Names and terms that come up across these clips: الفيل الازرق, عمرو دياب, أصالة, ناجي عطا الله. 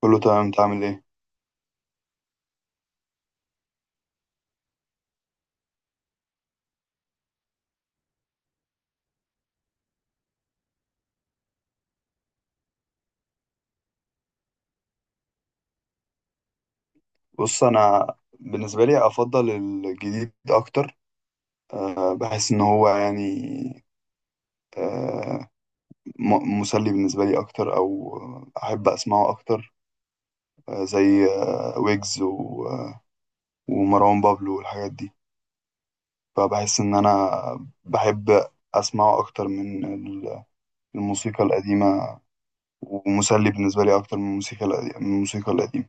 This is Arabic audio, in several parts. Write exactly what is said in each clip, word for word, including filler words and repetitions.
كله تمام، انت عامل ايه؟ بص، انا بالنسبه لي افضل الجديد اكتر. أه بحس ان هو يعني أه م- مسلي بالنسبه لي اكتر، او احب اسمعه اكتر. أه زي أه ويجز و- آه، ومروان بابلو والحاجات دي. فبحس ان انا بحب اسمعه اكتر من ال- الموسيقى القديمه، ومسلي بالنسبه لي اكتر من الموسيقى القديمه من الموسيقى القديمه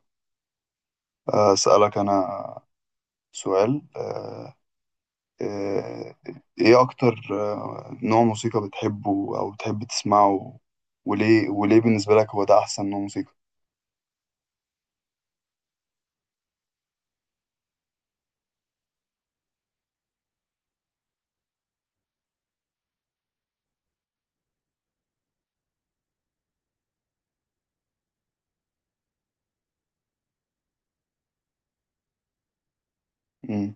آه، اسالك انا سؤال أه آه، ايه اكتر آه، نوع موسيقى بتحبه او بتحب تسمعه؟ وليه، وليه بالنسبة لك هو ده احسن نوع موسيقى؟ مم.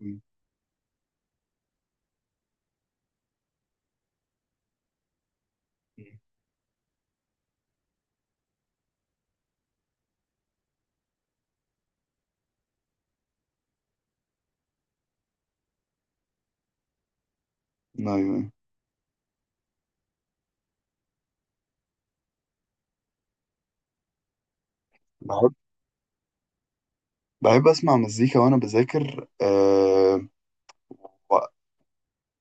مم. ايوه، أيوة. بحب، بحب اسمع مزيكا وانا بذاكر أه و-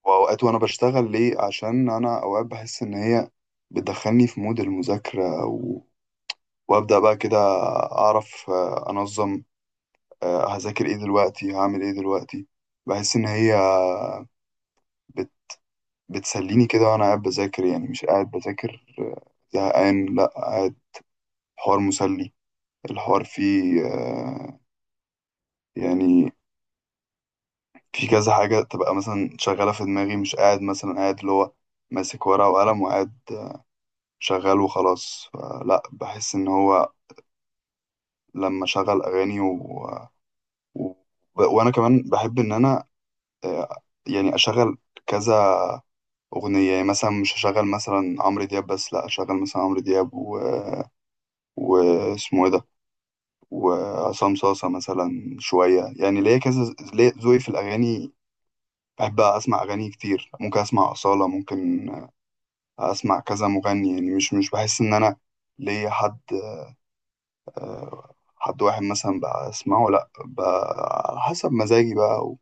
واوقات وانا بشتغل. ليه؟ عشان انا اوقات بحس ان هي بتدخلني في مود المذاكرة، و... وابدا بقى كده اعرف آه، انظم آه، هذاكر ايه دلوقتي، هعمل ايه دلوقتي. بحس ان هي بتسليني كده وانا قاعد بذاكر، يعني مش قاعد بذاكر آه، زهقان، لا، قاعد حوار مسلي. الحوار فيه آه، يعني في كذا حاجة تبقى مثلا شغالة في دماغي. مش قاعد مثلا قاعد اللي هو ماسك ورقة وقلم وقاعد شغال وخلاص، لا، بحس ان هو لما شغل اغاني و... و... وانا كمان بحب ان انا آه، يعني اشغل كذا اغنية. يعني مثلا مش هشغل مثلا عمرو دياب بس، لا، اشغل مثلا عمرو دياب و... واسمه ايه ده وعصام صاصة مثلا شوية. يعني ليا كذا، ليا ذوقي في الأغاني. بحب أسمع أغاني كتير، ممكن أسمع أصالة، ممكن أسمع كذا مغني. يعني مش مش بحس إن أنا ليا حد حد واحد مثلا بسمعه، لأ، ب- على حسب مزاجي بقى. و-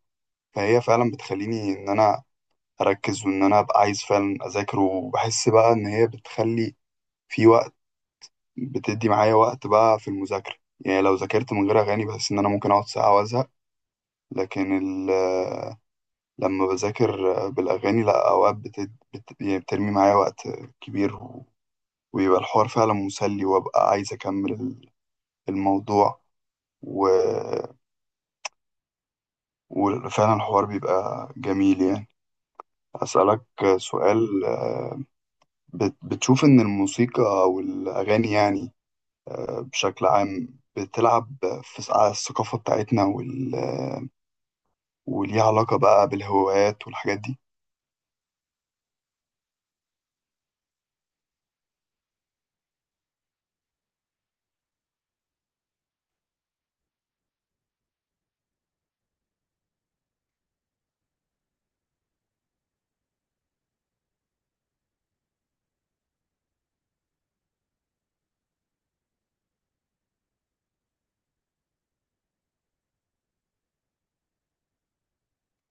فهي فعلا بتخليني إن أنا أركز، وإن أنا أبقى عايز فعلا أذاكر. وبحس بقى إن هي بتخلي في وقت، بتدي معايا وقت بقى في المذاكرة. يعني لو ذاكرت من غير أغاني بحس إن أنا ممكن أقعد ساعة وأزهق. لكن ال لما بذاكر آه، بالأغاني لأ، أوقات بت... بت... يعني بترمي معايا وقت كبير، و... ويبقى الحوار فعلا مسلي، وأبقى عايز أكمل ال- الموضوع. و... وفعلا الحوار بيبقى جميل يعني. أسألك سؤال آه، بت... بتشوف إن الموسيقى أو الأغاني يعني آه، بشكل عام بتلعب في س- على الثقافة بتاعتنا، وال... وليها علاقة بقى بالهوايات والحاجات دي؟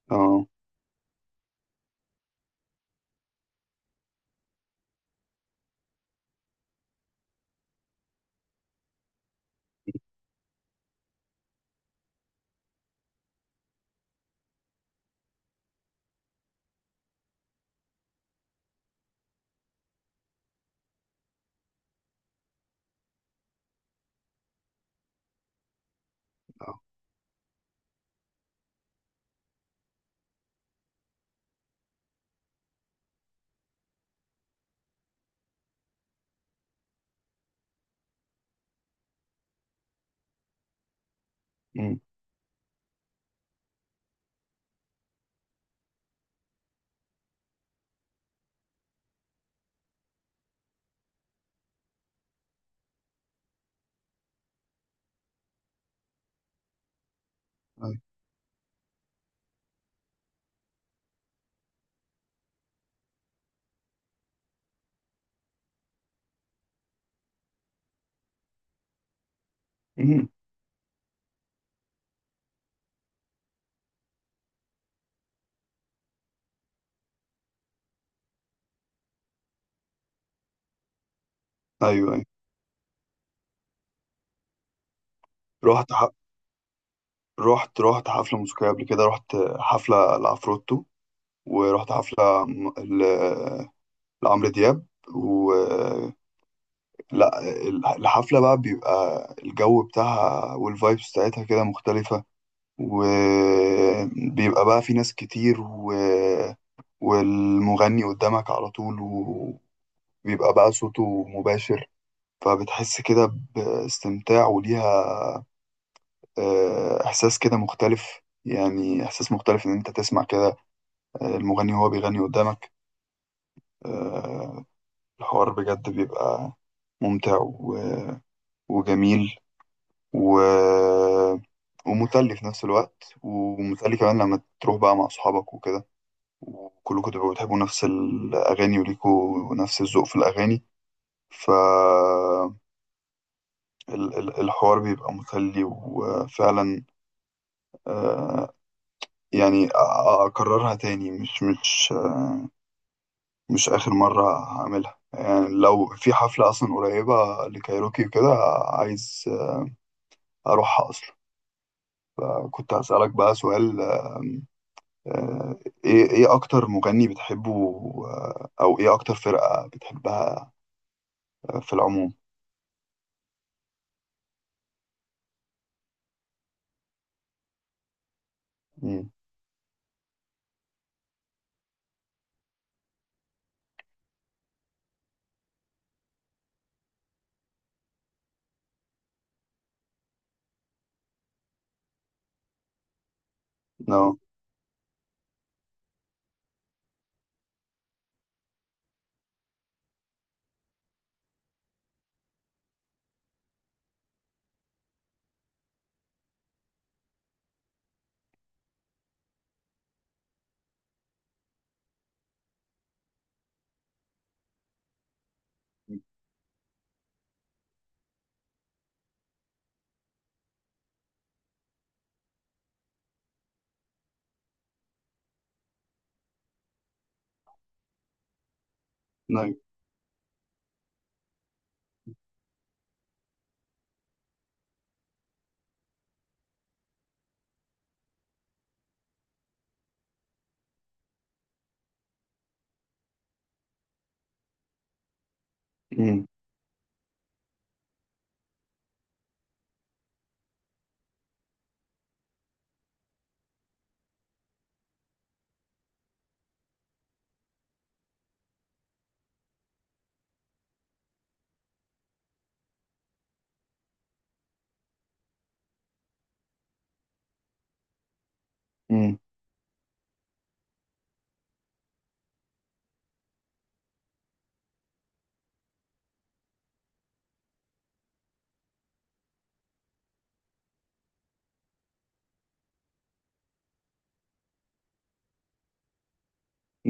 اه. آه. أمم. أيوة. أمم. أيوة، أيوة. رحت رحت رحت حفلة موسيقية قبل كده، رحت حفلة لعفروتو، ورحت حفلة م- ل- لعمرو دياب. و لا، ال- الحفلة بقى بيبقى الجو بتاعها والفايبس بتاعتها كده مختلفة، وبيبقى بقى في ناس كتير، و... والمغني قدامك على طول، وبيبقى بقى صوته مباشر. فبتحس كده باستمتاع، وليها آه، إحساس كده مختلف. يعني إحساس مختلف إن أنت تسمع كده المغني وهو بيغني قدامك. آه، الحوار بجد بيبقى ممتع و- وجميل، و... ومسلي في نفس الوقت. ومسلي كمان لما تروح بقى مع أصحابك وكده، وكلكم تبقوا بتحبوا نفس الأغاني وليكوا نفس الذوق في الأغاني. فالحوار بيبقى مسلي. وفعلا آه، يعني أ- أ- أكررها تاني، مش مش مش آخر مرة هعملها يعني، لو في حفلة أصلا قريبة لكايروكي وكده عايز أروحها أصلا. فكنت هسألك بقى سؤال آم، آه، إيه، إيه أكتر مغني بتحبه آه، أو إيه أكتر فرقة بتحبها آه، في العموم؟ مم. نو ناي مم. مم.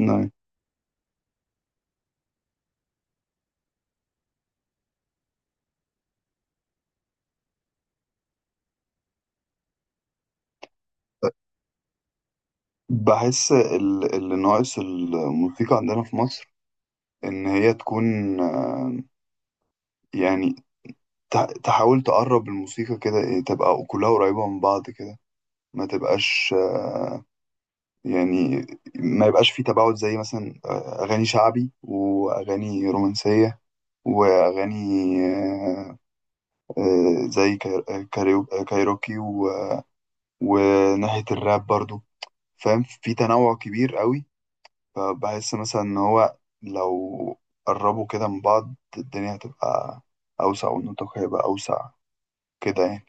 ناي بحس ال- اللي ناقص الموسيقى عندنا في مصر إن هي تكون آه، يعني تح- تحاول تقرب الموسيقى كده، إيه، تبقى كلها قريبة من بعض كده. ما تبقاش آه، يعني ما يبقاش في تباعد، زي مثلا آه، أغاني شعبي، وأغاني رومانسية، وأغاني آه، آه، زي كا- كاريو- كايروكي، و- وناحية الراب برضو، فاهم؟ في تنوع كبير قوي. فبحس مثلا إن هو لو قربوا كده من بعض، الدنيا هتبقى أوسع، والنطاق هيبقى أوسع كده يعني.